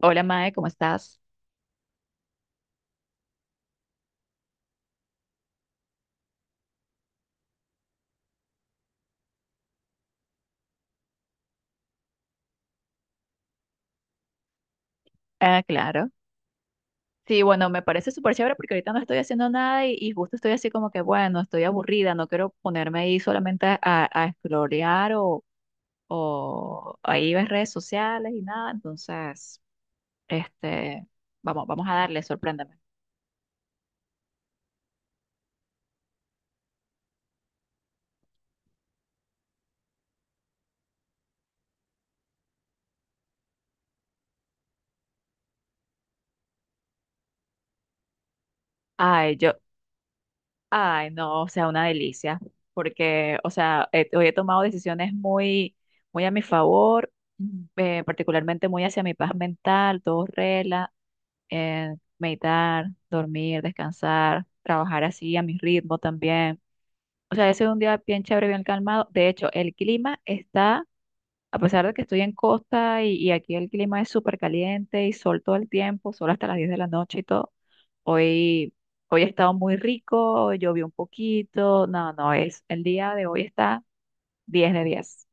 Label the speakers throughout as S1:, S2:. S1: Hola Mae, ¿cómo estás? Ah, claro. Sí, bueno, me parece súper chévere porque ahorita no estoy haciendo nada y justo estoy así como que, bueno, estoy aburrida, no quiero ponerme ahí solamente a explorar o ahí ver redes sociales y nada, entonces, este, vamos a darle, sorpréndeme. Ay, yo, ay, no, o sea, una delicia, porque, o sea, hoy he tomado decisiones muy a mi favor, particularmente muy hacia mi paz mental, todo relax, meditar, dormir, descansar, trabajar así a mi ritmo también. O sea, ese es un día bien chévere, bien calmado. De hecho, el clima está, a pesar de que estoy en costa y aquí el clima es súper caliente y sol todo el tiempo, sol hasta las 10 de la noche y todo. Hoy, hoy ha estado muy rico, llovió un poquito. No, no, es el día de hoy está 10 de 10.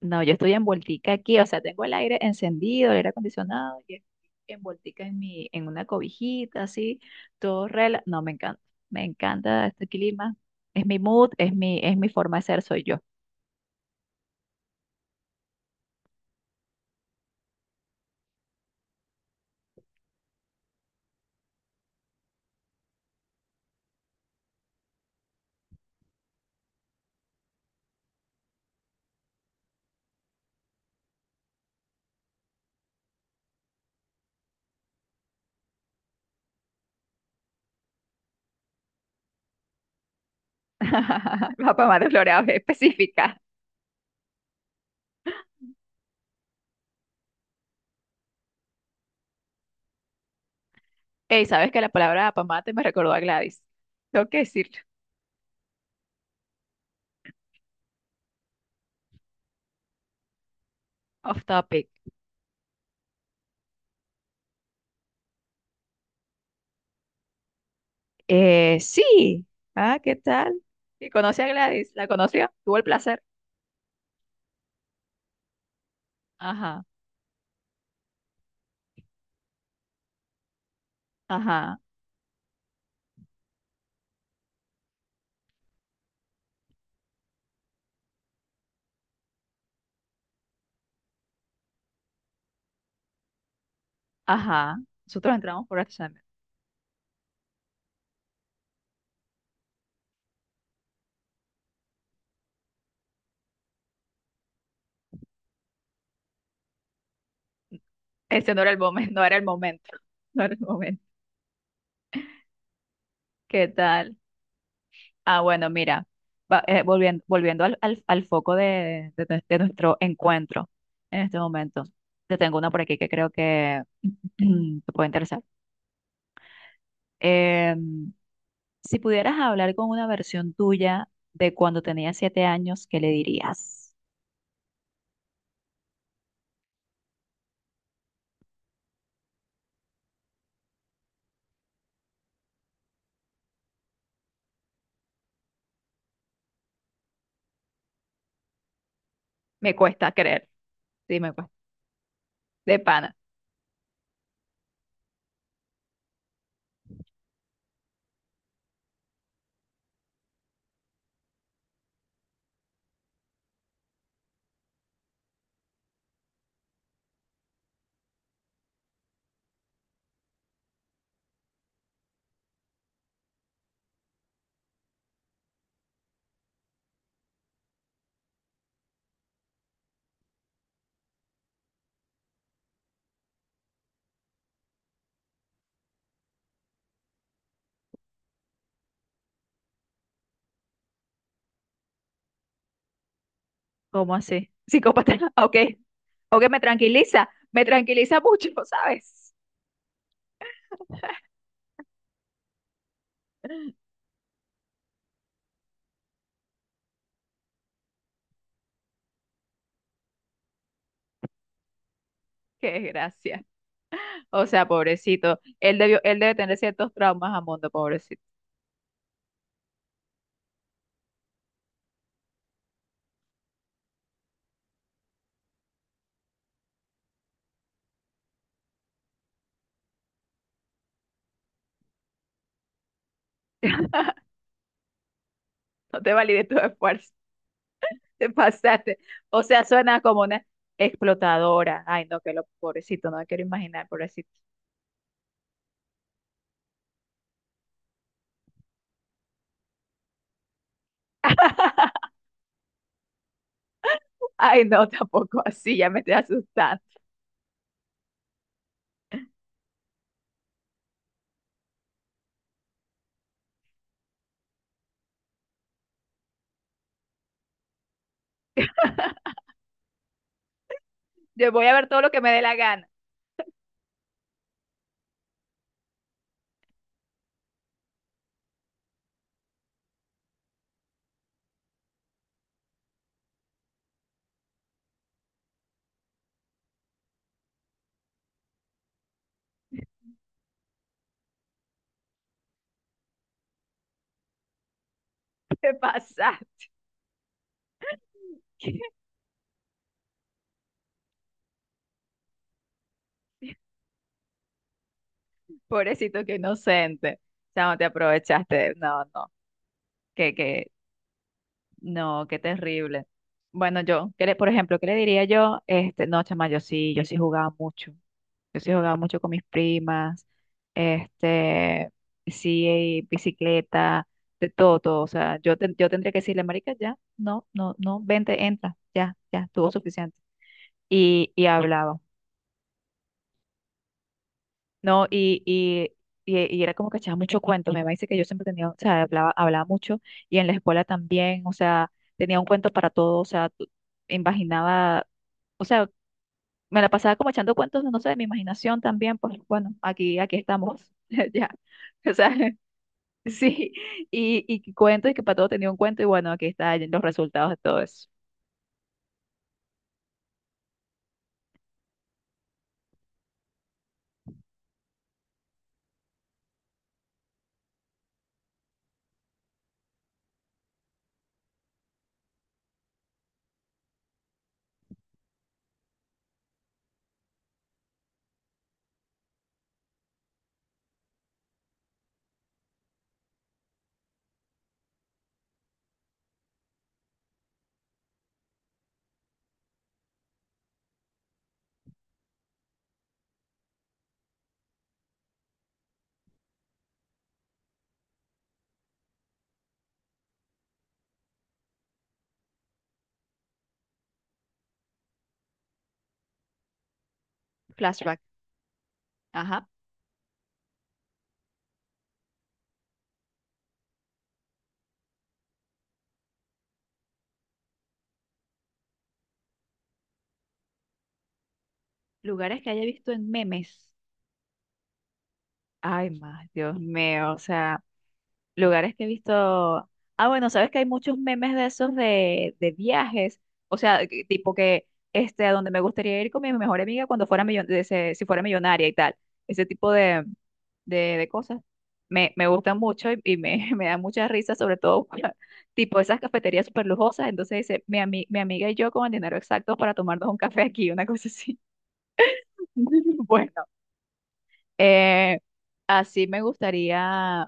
S1: No, yo estoy envueltica aquí, o sea, tengo el aire encendido, el aire acondicionado, y estoy envueltica en mi, en una cobijita, así, todo rela. No, me encanta este clima. Es mi mood, es mi forma de ser, soy yo. La pomada floreada es específica. Ey, ¿sabes que la palabra pomate me recordó a Gladys? Tengo que decirlo. Off topic. Sí. Ah, ¿qué tal? ¿Y conoce a Gladys? ¿La conoció? ¿Tuvo el placer? Ajá, ajá, ajá. Nosotros entramos por este. Ese no era el momento, no era el momento, no era el momento. ¿Qué tal? Ah, bueno, mira, volviendo, volviendo al foco de, de nuestro encuentro en este momento. Te tengo una por aquí que creo que te puede interesar. Em, si pudieras hablar con una versión tuya de cuando tenías 7 años, ¿qué le dirías? Me cuesta creer, sí, me cuesta. De pana, ¿cómo así? Psicópata, ok. Ok, me tranquiliza mucho, ¿sabes? Qué gracia. O sea, pobrecito. Él debió, él debe tener ciertos traumas a mundo, pobrecito. No te valide tu esfuerzo. Te pasaste. O sea, suena como una explotadora. Ay, no, que lo pobrecito, no me quiero imaginar, pobrecito. Ay, no, tampoco así, ya me estoy asustando. Yo voy a ver todo lo que me dé la gana. Te pasaste. Pobrecito, qué inocente. O sea, no te aprovechaste. No, no. Que, no, qué terrible. Bueno, yo, ¿qué le-, por ejemplo, ¿qué le diría yo? Este, no, chama, yo sí, yo sí jugaba mucho. Yo sí jugaba mucho con mis primas, este, sí, bicicleta, de todo, todo. O sea, yo, yo tendría que decirle, marica, ya, no, no, no, vente, entra, ya, ya, tuvo suficiente. Y hablaba. No, y era como que echaba mucho cuento. Me dice que yo siempre tenía, o sea, hablaba, hablaba mucho y en la escuela también, o sea, tenía un cuento para todo, o sea, imaginaba, o sea, me la pasaba como echando cuentos, no sé, de mi imaginación también, pues bueno, aquí estamos, ya, o sea, sí, y cuento y que para todo tenía un cuento y bueno, aquí están los resultados de todo eso. Flashback. Ajá. Lugares que haya visto en memes. Ay, más, Dios mío, o sea. Lugares que he visto. Ah, bueno, sabes que hay muchos memes de esos de viajes. O sea, tipo que este, a donde me gustaría ir con mi mejor amiga cuando fuera si fuera millonaria y tal. Ese tipo de cosas. Me gustan mucho y me, me da mucha risa, sobre todo tipo esas cafeterías súper lujosas. Entonces dice, mi amiga y yo con el dinero exacto para tomarnos un café aquí, una cosa así. Bueno. Eh, así me gustaría,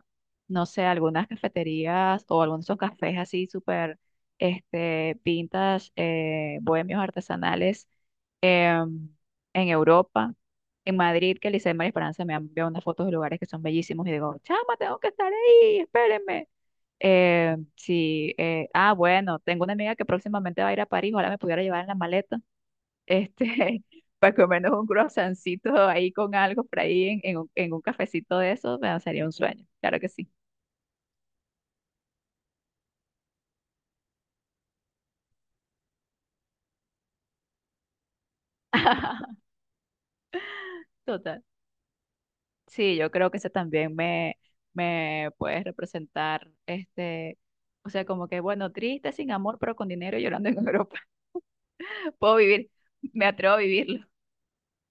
S1: no sé, algunas cafeterías o algunos de esos cafés así súper este, vintage, bohemios artesanales, em, en Europa, en Madrid, que el Liceo de María Esperanza me ha enviado unas fotos de lugares que son bellísimos y digo, chama, tengo que estar ahí, espérenme. Sí, ah, bueno, tengo una amiga que próximamente va a ir a París, ojalá me pudiera llevar en la maleta este, para comernos un croissancito ahí con algo por ahí en un cafecito de eso, me sería un sueño, claro que sí. Total. Sí, yo creo que eso también me puede representar, este, o sea, como que, bueno, triste, sin amor, pero con dinero y llorando en Europa. Puedo vivir, me atrevo a vivirlo,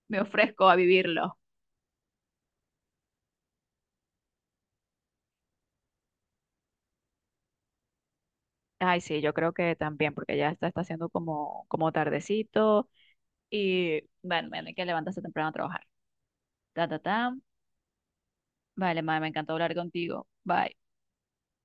S1: me ofrezco a vivirlo. Ay, sí, yo creo que también, porque ya está, está haciendo como, como tardecito y, bueno, mañana hay que levantarse temprano a trabajar. Ta, ta, ta. Vale, madre, me encantó hablar contigo. Bye.